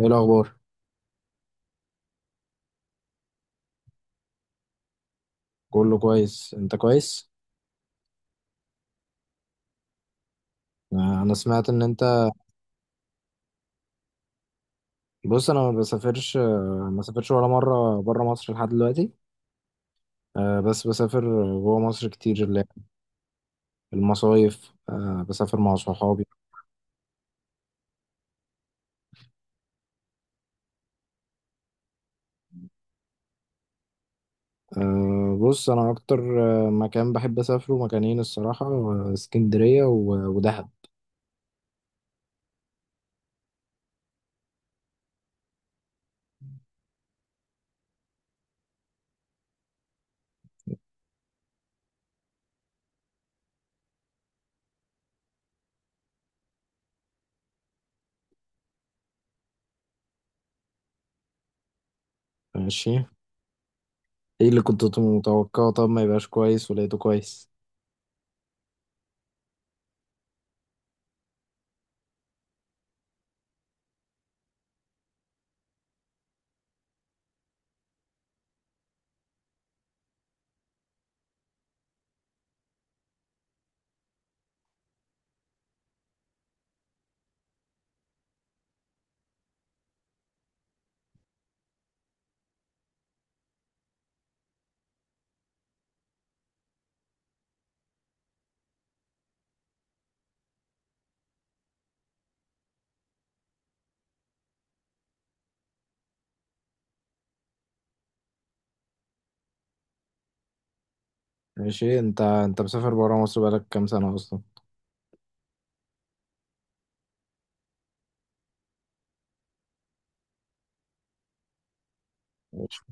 ايه الاخبار؟ كله كويس، انت كويس؟ انا سمعت ان انت. بص انا ما بسافرش، ما سافرش ولا مره بره مصر لحد دلوقتي. بس بسافر جوه مصر كتير، اللي هي المصايف، بسافر مع صحابي. بص انا اكتر مكان بحب اسافره، مكانين الصراحه، اسكندريه و- ودهب. ماشي. ايه اللي كنت متوقعه؟ طب ما يبقاش كويس ولقيته كويس. ماشي. انت مسافر بره مصر بقالك كام سنه اصلا؟ ماشي.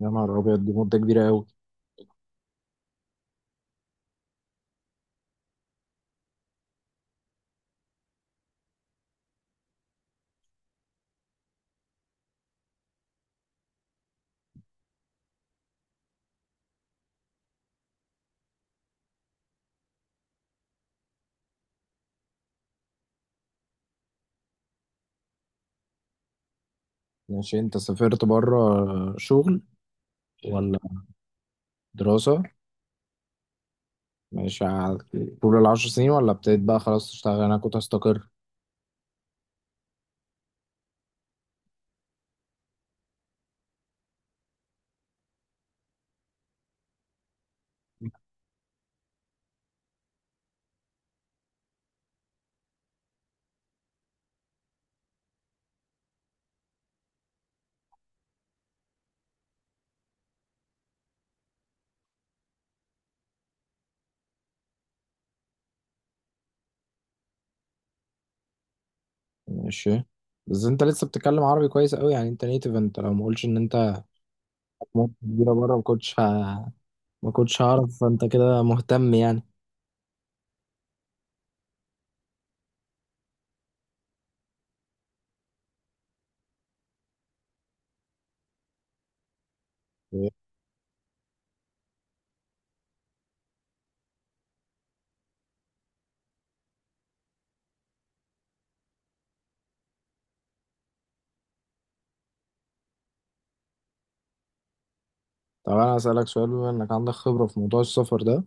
يا نهار ابيض، دي مده كبيره قوي. ماشي. انت سافرت بره شغل ولا دراسة؟ ماشي. طول العشر سنين ولا ابتديت بقى خلاص تشتغل؟ انا كنت هستقر. ماشي. بس انت لسه بتتكلم عربي كويس قوي يعني، انت نيتف. انت لو ما قلتش ان انت ممكن كبيرة بره، ما كنتش هعرف. فانت كده مهتم يعني. طب انا اسالك سؤال؟ بما انك عندك خبرة في موضوع السفر ده،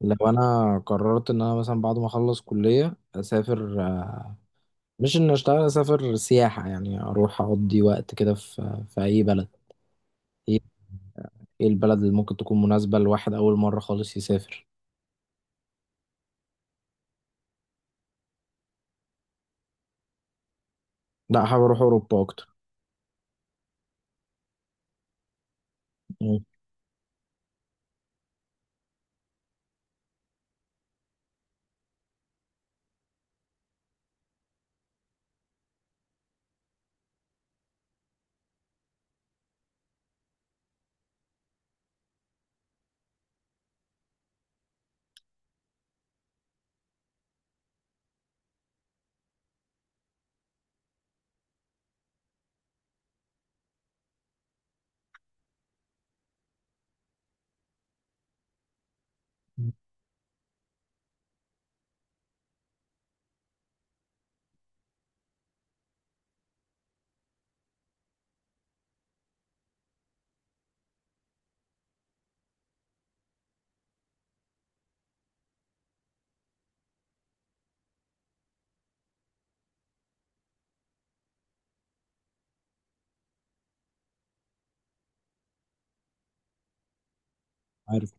لو انا قررت ان انا مثلا بعد ما اخلص كلية اسافر، مش ان اشتغل، اسافر سياحة يعني، اروح اقضي وقت كده في اي بلد. ايه إيه البلد اللي ممكن تكون مناسبة لواحد أول مرة خالص يسافر؟ لا، حابب أروح أوروبا أكتر. مم. عارف.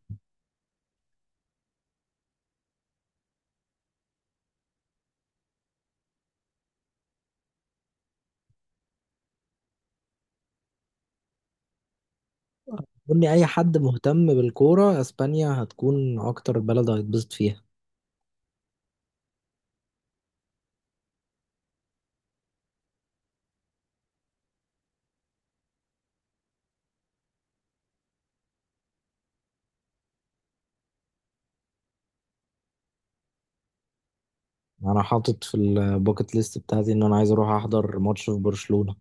قول لي، أي حد مهتم بالكورة أسبانيا هتكون أكتر بلد هيتبسط فيها. أنا حاطط في الباكت ليست بتاعتي إن أنا عايز أروح أحضر ماتش في برشلونة.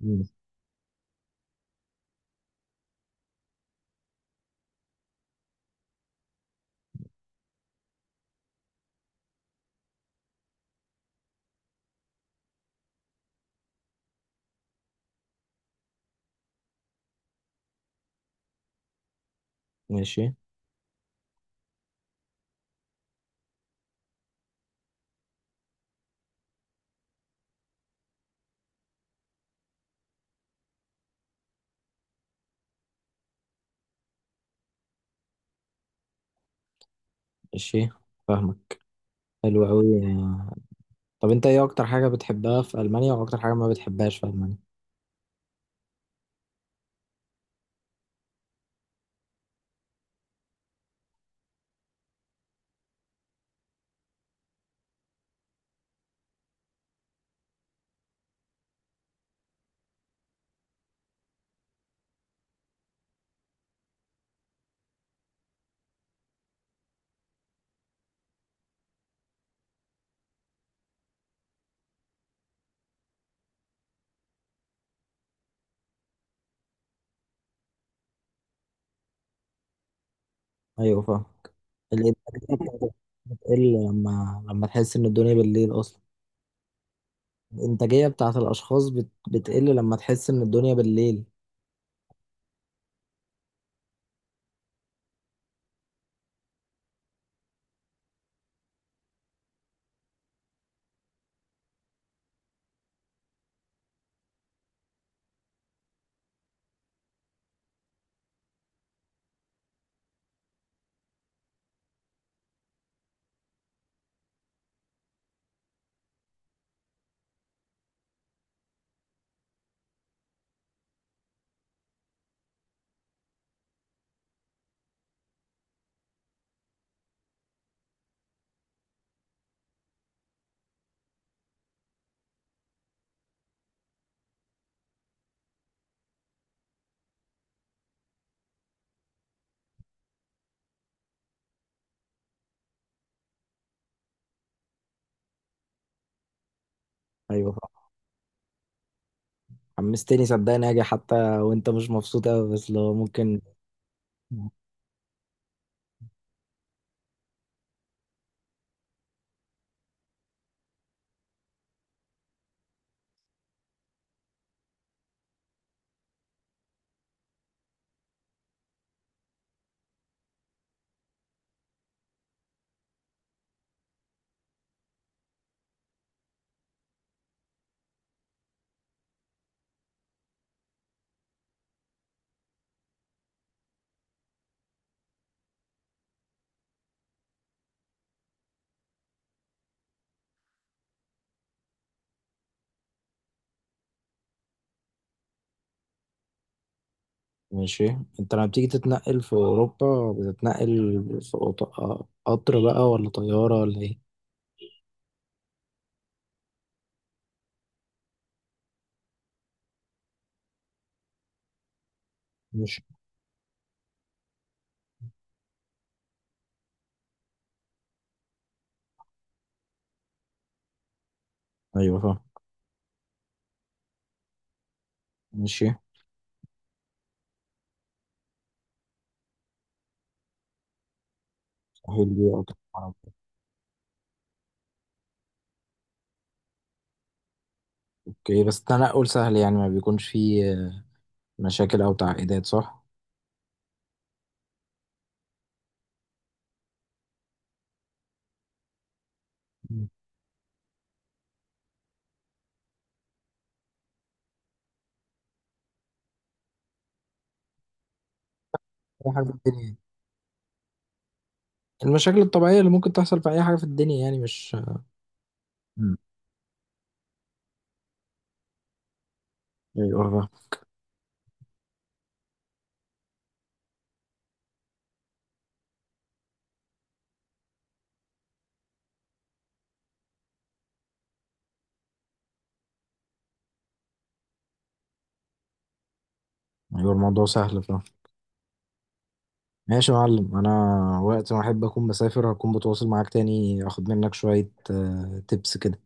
مم. ماشي. ماشي، فاهمك. حلو أوي. طب أنت إيه أكتر حاجة بتحبها في ألمانيا وأكتر حاجة ما بتحبهاش في ألمانيا؟ أيوه، فاهم. الإيه؟ بتقل لما تحس إن الدنيا بالليل أصلا. الإنتاجية بتاعت الأشخاص بتقل لما تحس إن الدنيا بالليل. أيوة صح. حمستني صدقني أجي، حتى وأنت مش مبسوط أوي، بس لو ممكن. ماشي. أنت لما بتيجي تتنقل في أوروبا بتتنقل في قطر بقى ولا طيارة ولا إيه؟ ماشي. أيوة فاهم. ماشي. سهل دي أكتر. أوكي، بس التنقل سهل يعني، ما بيكونش فيه مشاكل أو تعقيدات صح؟ مم. أي حاجة في الدنيا، المشاكل الطبيعية اللي ممكن تحصل في أي حاجة في الدنيا يعني، مش. مم. أيوة فاهم. ايوه، الموضوع سهل، فاهم. ماشي يا معلم. انا وقت ما احب اكون بسافر هكون بتواصل معاك تاني اخد منك شوية تبس كده.